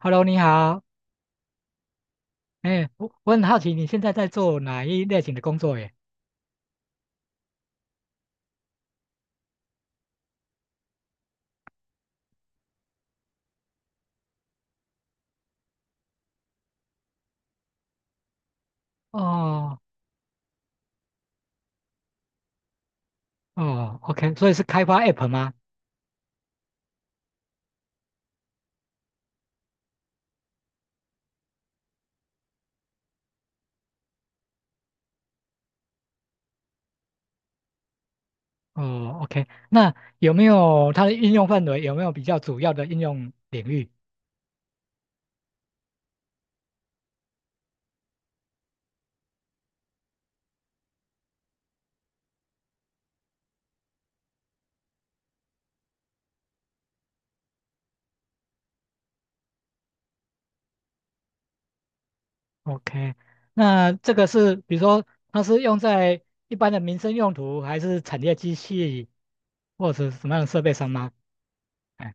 Hello，你好。哎，我很好奇你现在在做哪一类型的工作耶？哦哦，OK，所以是开发 App 吗？哦，OK，那有没有它的应用范围？有没有比较主要的应用领域？OK，那这个是比如说它是用在一般的民生用途，还是产业机器，或者是什么样的设备上吗？哎，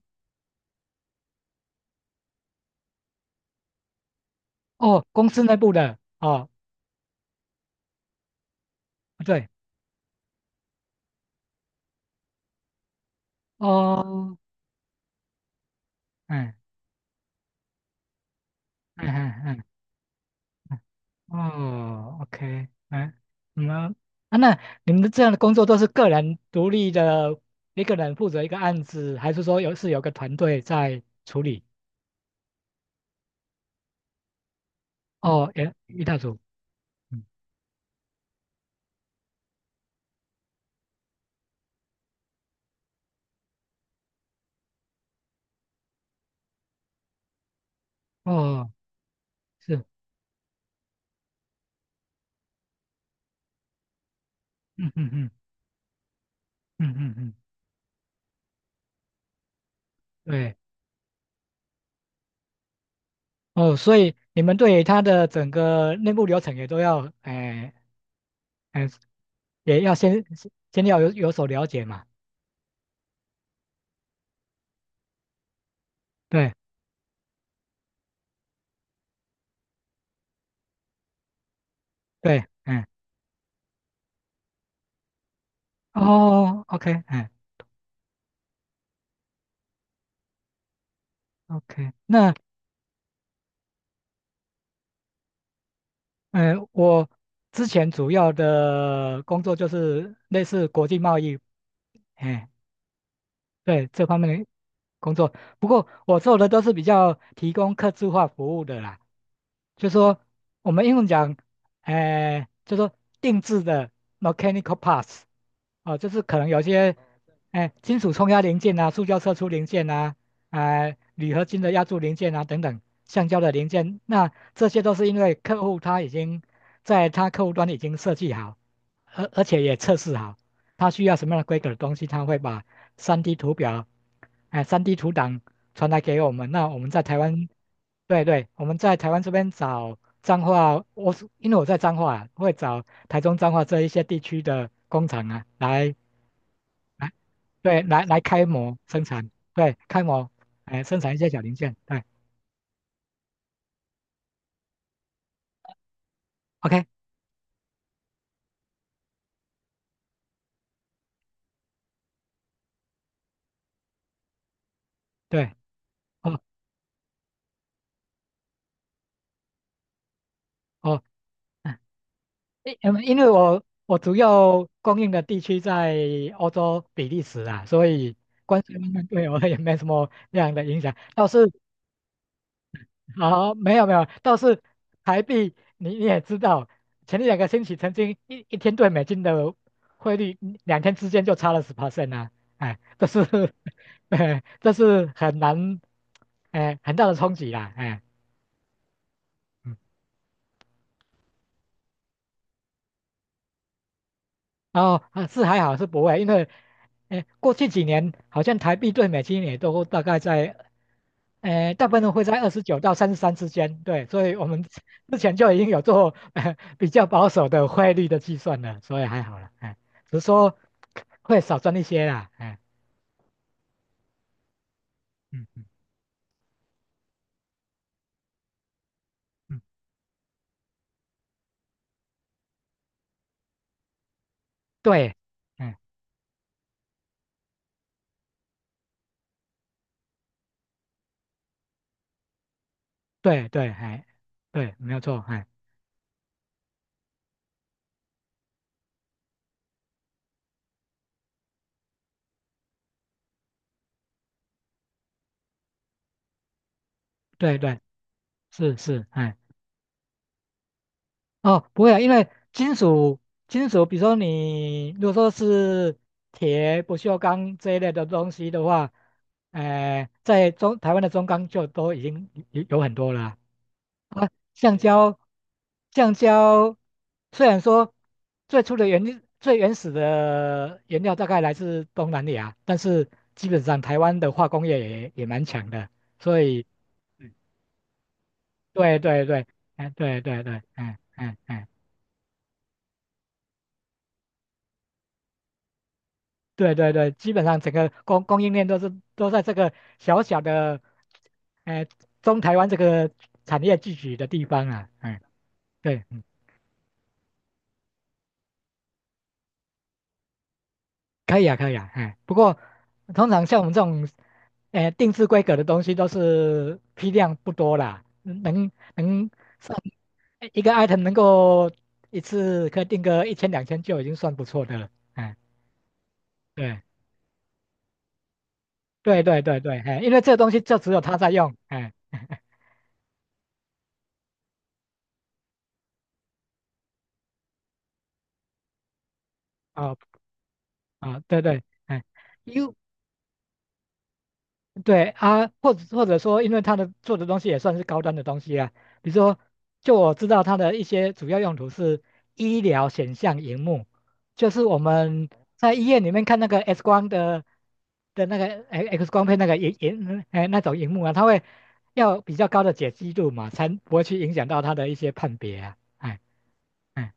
哦，公司内部的。哦，对，哦，嗯嗯嗯嗯。哦，OK，哎，你们啊那你们的这样的工作都是个人独立的，一个人负责一个案子，还是说有是有个团队在处理？哦，也一大组，嗯，哦，是，嗯嗯嗯嗯嗯嗯，对，哦，所以你们对他的整个内部流程也都要，哎哎，也要先要有所了解嘛，对对，嗯，哦，OK，嗯。OK，那嗯，我之前主要的工作就是类似国际贸易，哎，对这方面的工作。不过我做的都是比较提供客制化服务的啦，就说我们英文讲，哎、就说定制的 mechanical parts，哦，就是可能有些，哎、金属冲压零件啊，塑胶射出零件啊，哎、铝合金的压铸零件啊，等等，橡胶的零件，那这些都是因为客户他已经在他客户端已经设计好，而且也测试好，他需要什么样的规格的东西，他会把 3D 图表，哎、3D 图档传来给我们，那我们在台湾，对对，我们在台湾这边找彰化，我是因为我在彰化，啊，会找台中彰化这一些地区的工厂啊，来来开模生产，对，开模，哎，生产一些小零件，对，OK，对，哦哦，嗯，因因为我主要供应的地区在欧洲比利时啊，所以关税方面对我也没什么那样的影响，倒是好，没有没有，倒是台币你也知道，前两个星期曾经一天对美金的汇率，嗯两天之间就差了十 percent 啊，哎，这是，哎，这是很难，哎，很大的冲击啦，哎，嗯，然后啊是还好是不会，因为哎过去几年好像台币对美金也都大概在诶，大部分会在二十九到三十三之间，对，所以我们之前就已经有做比较保守的汇率的计算了，所以还好了，哎，只是说会少赚一些啦，哎，嗯嗯嗯，对，哎，对对，哎，对，没有错，哎，对对，是是，哎，哦，不会啊，因为金属，比如说你如果说是铁、不锈钢这一类的东西的话，在中台湾的中钢就都已经有很多了啊啊，橡胶，橡胶虽然说最原始的原料大概来自东南亚，但是基本上台湾的化工业也蛮强的，所以嗯对对对，哎对对对，嗯嗯嗯，对对对，基本上整个供应链都是都在这个小小的，哎、中台湾这个产业聚集的地方啊，嗯对可以啊，可以啊，哎，不过通常像我们这种，定制规格的东西都是批量不多啦，能算一个 item 能够一次可以定个一千两千就已经算不错的了，哎，对对对对对，哎，因为这个东西就只有他在用，哎，哦啊，对对，哎，u 对啊，或者说，因为它的做的东西也算是高端的东西啊，比如说，就我知道它的一些主要用途是医疗显像荧幕，就是我们在医院里面看那个 X 光的那个哎 X 光片那个哎那种荧幕啊，它会要比较高的解析度嘛，才不会去影响到它的一些判别啊，哎哎，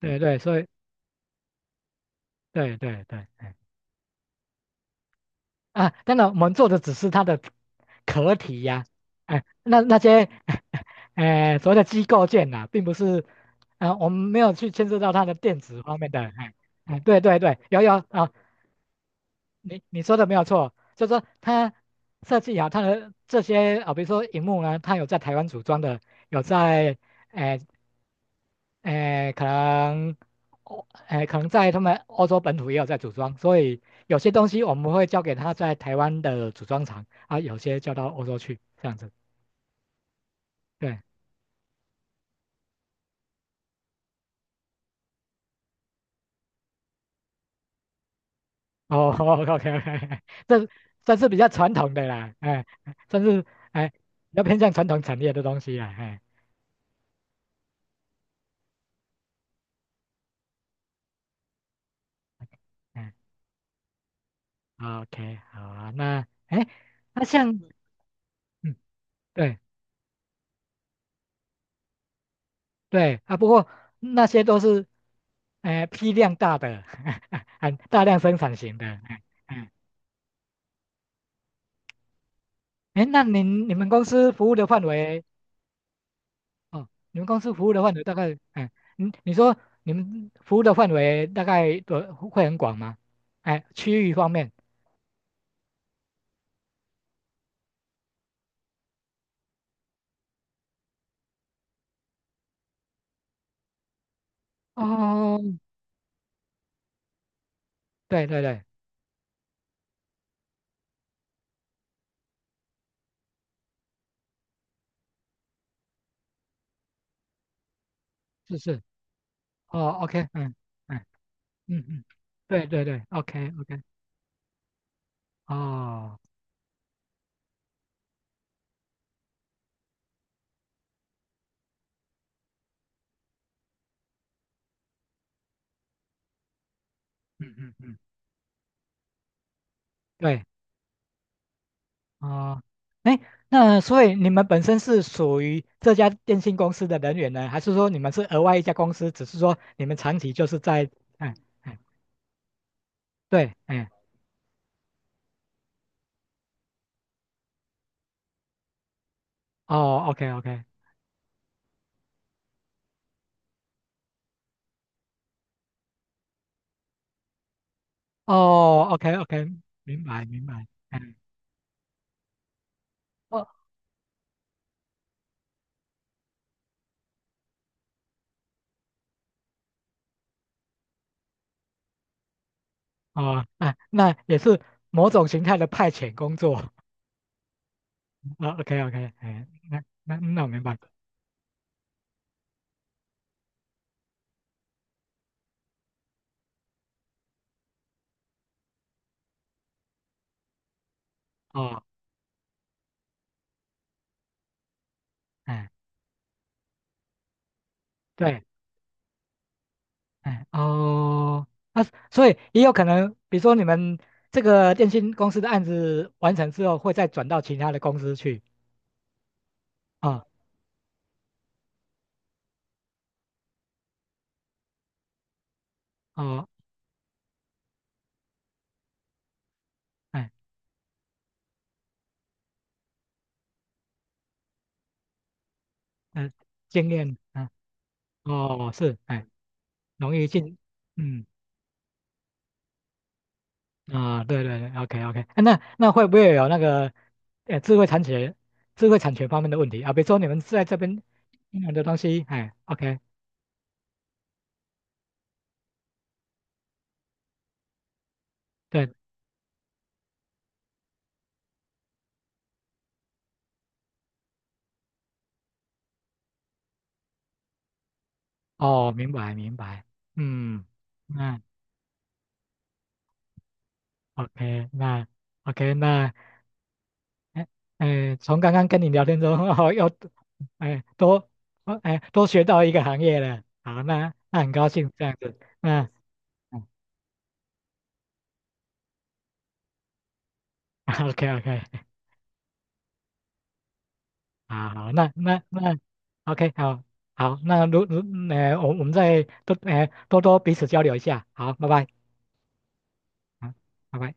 对对，所以对对对，哎啊，当然我们做的只是它的壳体呀、哎、那些，哎、所谓的机构件呐、啊并不是，啊、我们没有去牵涉到它的电子方面的，哎、哎、对对对，有啊，你说的没有错，就是说它设计好它的这些啊，比如说荧幕呢，它有在台湾组装的，有在，哎、诶，可能，哦，诶，可能在他们欧洲本土也有在组装，所以有些东西我们会交给他在台湾的组装厂啊，有些交到欧洲去，这样子。对，哦，OK OK，这这是比较传统的啦，哎，算是哎比较偏向传统产业的东西啦，哎，哎，OK，好啊，那哎，那像，嗯，对对啊，不过那些都是，哎，批量大的，很大量生产型的，哎。哎哎，那你们公司服务的范围，哦，你们公司服务的范围大概，哎，你说你们服务的范围大概多会很广吗？哎，区域方面，哦，对对对，是是，哦，OK，嗯嗯嗯嗯，对对对，OK OK，哦，嗯嗯嗯，对，哦，哎，那所以你们本身是属于这家电信公司的人员呢，还是说你们是额外一家公司，只是说你们长期就是在，哎哎，对，哎。哦，OK OK，哦，OK OK，明白明白，嗯，哦哦，那也是某种形态的派遣工作啊，OK OK，哎，那我明白，哦，哎，对，哎，哦，那、所以也有可能，比如说你们这个电信公司的案子完成之后，会再转到其他的公司去，啊、哦，哦，哎，嗯、经验，嗯、哦，是，哎，容易进，嗯。啊，对对对，OK OK，那会不会有那个，呃，智慧产权、智慧产权方面的问题啊？比如说你们在这边用的东西，哎，OK，对，哦，明白明白，嗯，那 OK，那 OK，那，哎哎，从刚刚跟你聊天中，哦，又，哎，多，哦哎，多学到一个行业了，好，那那很高兴这样子，那，嗯，OK OK，啊，好，那，OK，好，好，那，我们再多，多多彼此交流一下，好，拜拜，好，拜拜。